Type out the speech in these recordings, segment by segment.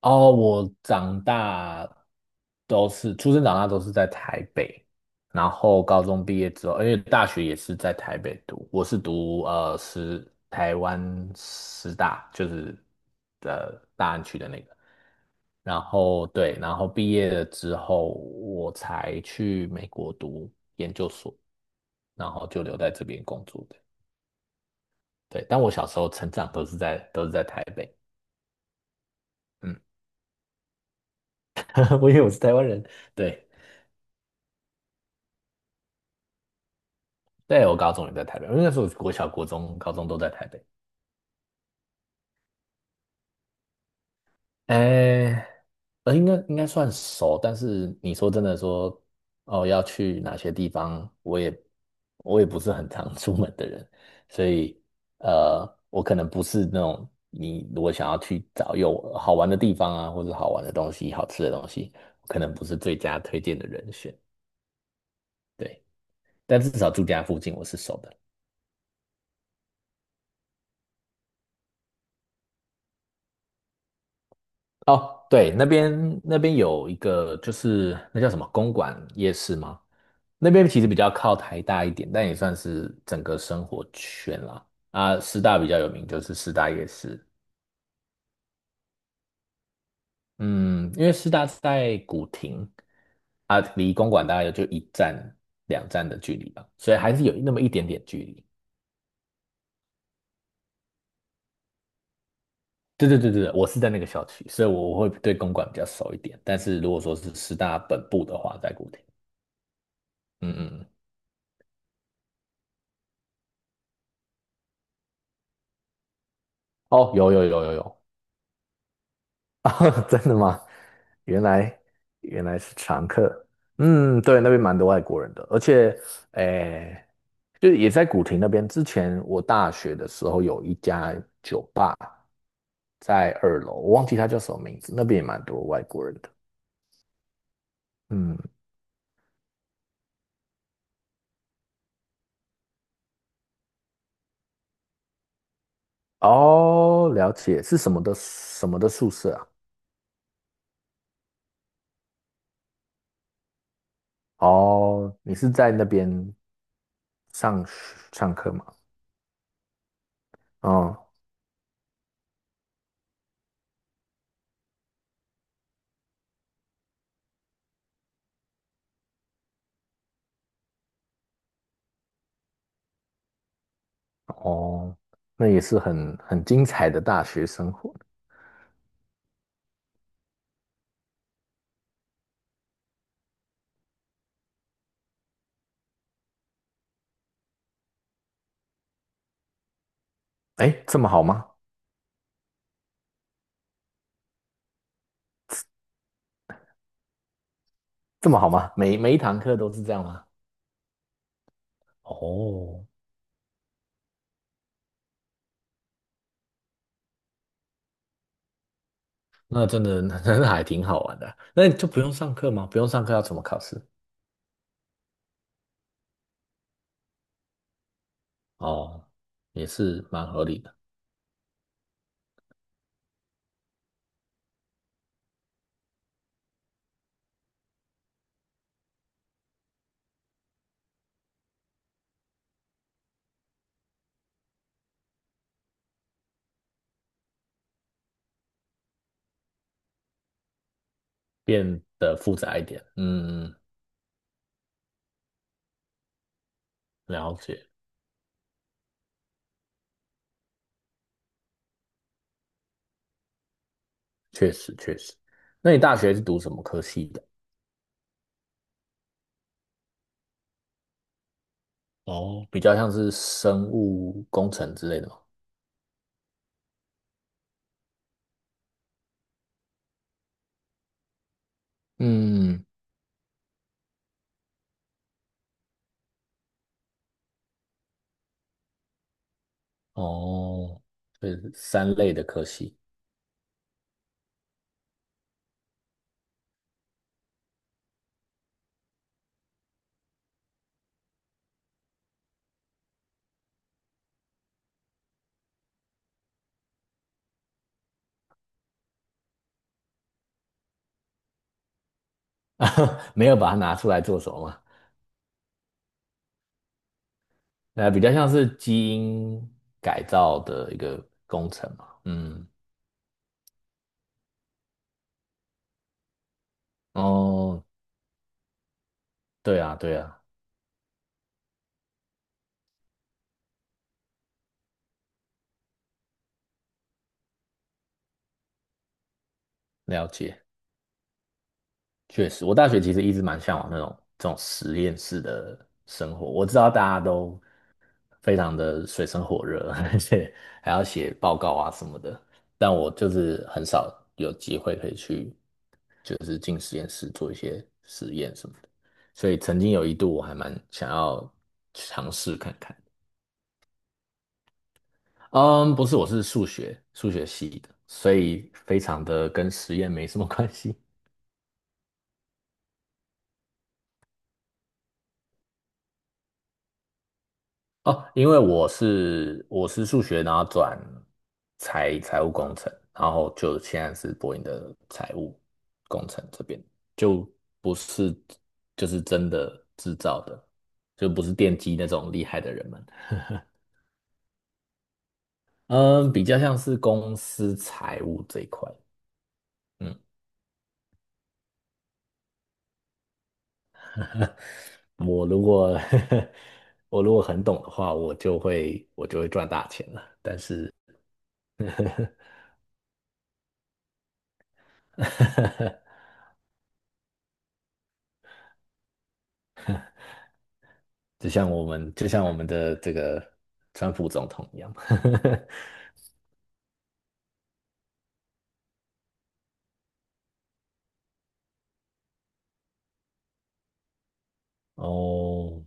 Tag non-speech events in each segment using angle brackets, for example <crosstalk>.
哦，我长大都是出生长大都是在台北，然后高中毕业之后，因为大学也是在台北读，我是读台湾师大，就是大安区的那个，然后对，然后毕业了之后，我才去美国读研究所，然后就留在这边工作的，对，但我小时候成长都是在台北。嗯，<laughs> 我以为我是台湾人，对。对，我高中也在台北，因为那时候国小、国中、高中都在台北。哎，应该算熟，但是你说真的说，哦，要去哪些地方，我也不是很常 <laughs> 出门的人，所以呃，我可能不是那种你如果想要去找有好玩的地方啊，或者好玩的东西、好吃的东西，我可能不是最佳推荐的人选。对，但至少住家附近我是熟的。哦，对，那边有一个就是那叫什么公馆夜市吗？那边其实比较靠台大一点，但也算是整个生活圈啦。啊，师大比较有名就是师大夜市。嗯，因为师大在古亭，啊，离公馆大概也就一站两站的距离吧，所以还是有那么一点点距离。对对对对，我是在那个小区，所以我会对公馆比较熟一点。但是如果说是师大本部的话，在古亭。嗯嗯，嗯，哦，有有有有有。<laughs> 啊，真的吗？原来原来是常客。嗯，对，那边蛮多外国人的，而且，诶，就是也在古亭那边。之前我大学的时候有一家酒吧在二楼，我忘记它叫什么名字，那边也蛮多外国人的。嗯，哦，了解，是什么的宿舍啊？哦，你是在那边上学上课吗？哦哦，那也是很精彩的大学生活。诶，这么好吗？这么好吗？每一堂课都是这样吗？哦，那真的 <laughs> 那还挺好玩的。那你就不用上课吗？不用上课要怎么考试？哦，也是蛮合理的。变得复杂一点。嗯，嗯，了解，确实确实。那你大学是读什么科系的？哦，比较像是生物工程之类的吗？嗯，哦，这是三类的科系。<laughs> 没有把它拿出来做什么那比较像是基因改造的一个工程嘛。嗯，哦，对啊，对啊，了解，确实，我大学其实一直蛮向往那种这种实验室的生活。我知道大家都非常的水深火热，<laughs> 而且还要写报告啊什么的，但我就是很少有机会可以去，就是进实验室做一些实验什么的。所以曾经有一度我还蛮想要尝试看看。嗯，不是，我是数学系的，所以非常的跟实验没什么关系。哦，因为我是数学，然后转财务工程，然后就现在是博音的财务工程这边，就不是就是真的制造的，就不是电机那种厉害的人们。嗯，比较像是公司财务这一块。嗯。<laughs> 我如果 <laughs> 我如果很懂的话，我就会赚大钱了。但是 <laughs> 就像我们的这个川普总统一样，<laughs> 哦，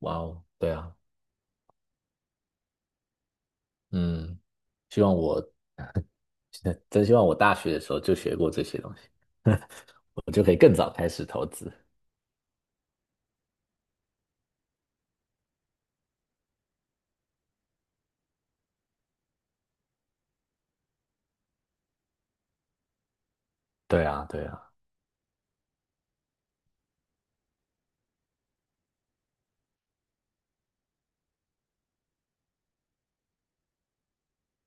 哇哦，对啊。嗯，希望我 <laughs> 真希望我大学的时候就学过这些东西，<laughs> 我就可以更早开始投资。对啊，对啊。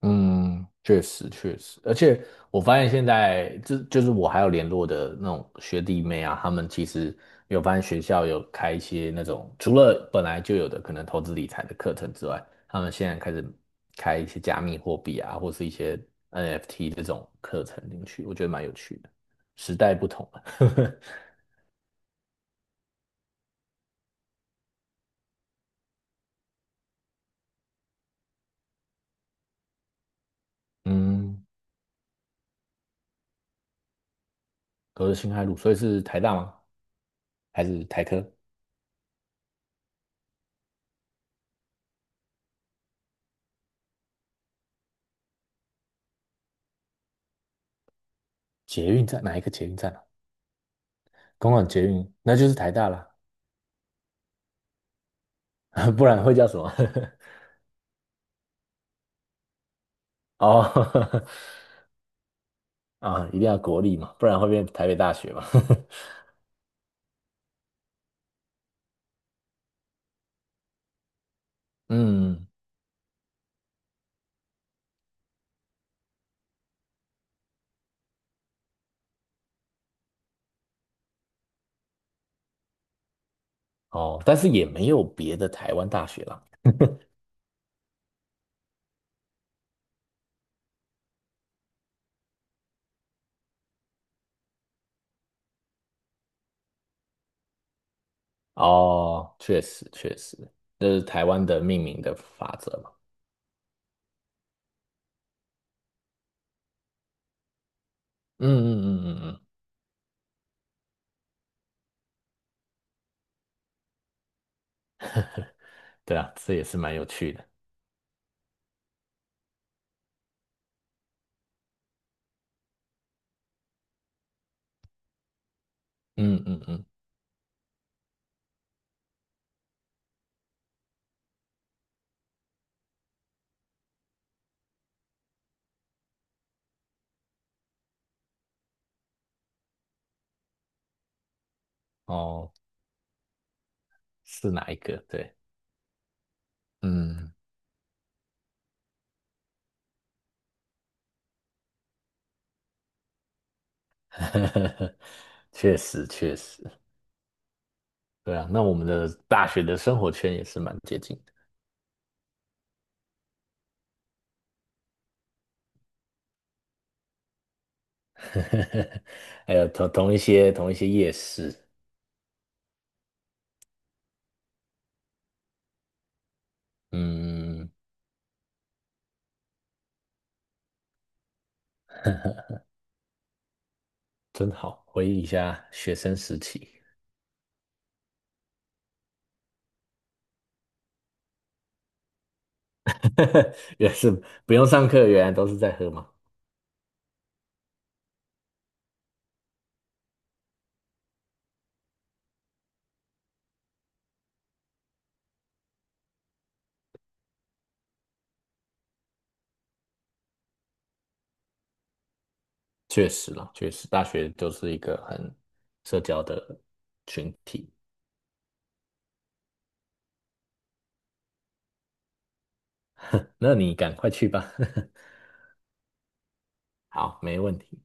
嗯，确实确实，而且我发现现在就是我还有联络的那种学弟妹啊，他们其实有发现学校有开一些那种除了本来就有的可能投资理财的课程之外，他们现在开始开一些加密货币啊，或是一些 NFT 这种课程进去，我觉得蛮有趣的。时代不同了。<laughs> 嗯，隔着辛亥路，所以是台大吗？还是台科？捷运站哪一个捷运站啊？公馆捷运，那就是台大啦。<laughs> 不然会叫什么？<laughs> 哦，<laughs> 啊，一定要国立嘛，不然会变台北大学嘛。<laughs> 嗯，哦，但是也没有别的台湾大学啦。<laughs> 哦，确实确实，这是台湾的命名的法则嘛。嗯嗯嗯嗯嗯，对啊，这也是蛮有趣的。嗯嗯嗯，哦，是哪一个？对。嗯，<laughs> 确实确实，对啊，那我们的大学的生活圈也是蛮接近。<laughs> 呵呵呵，还有同一些夜市。嗯，真好，回忆一下学生时期。<laughs> 原来是不用上课，原来都是在喝嘛，确实啦，确实，大学就是一个很社交的群体。<laughs> 那你赶快去吧。<laughs> 好，没问题。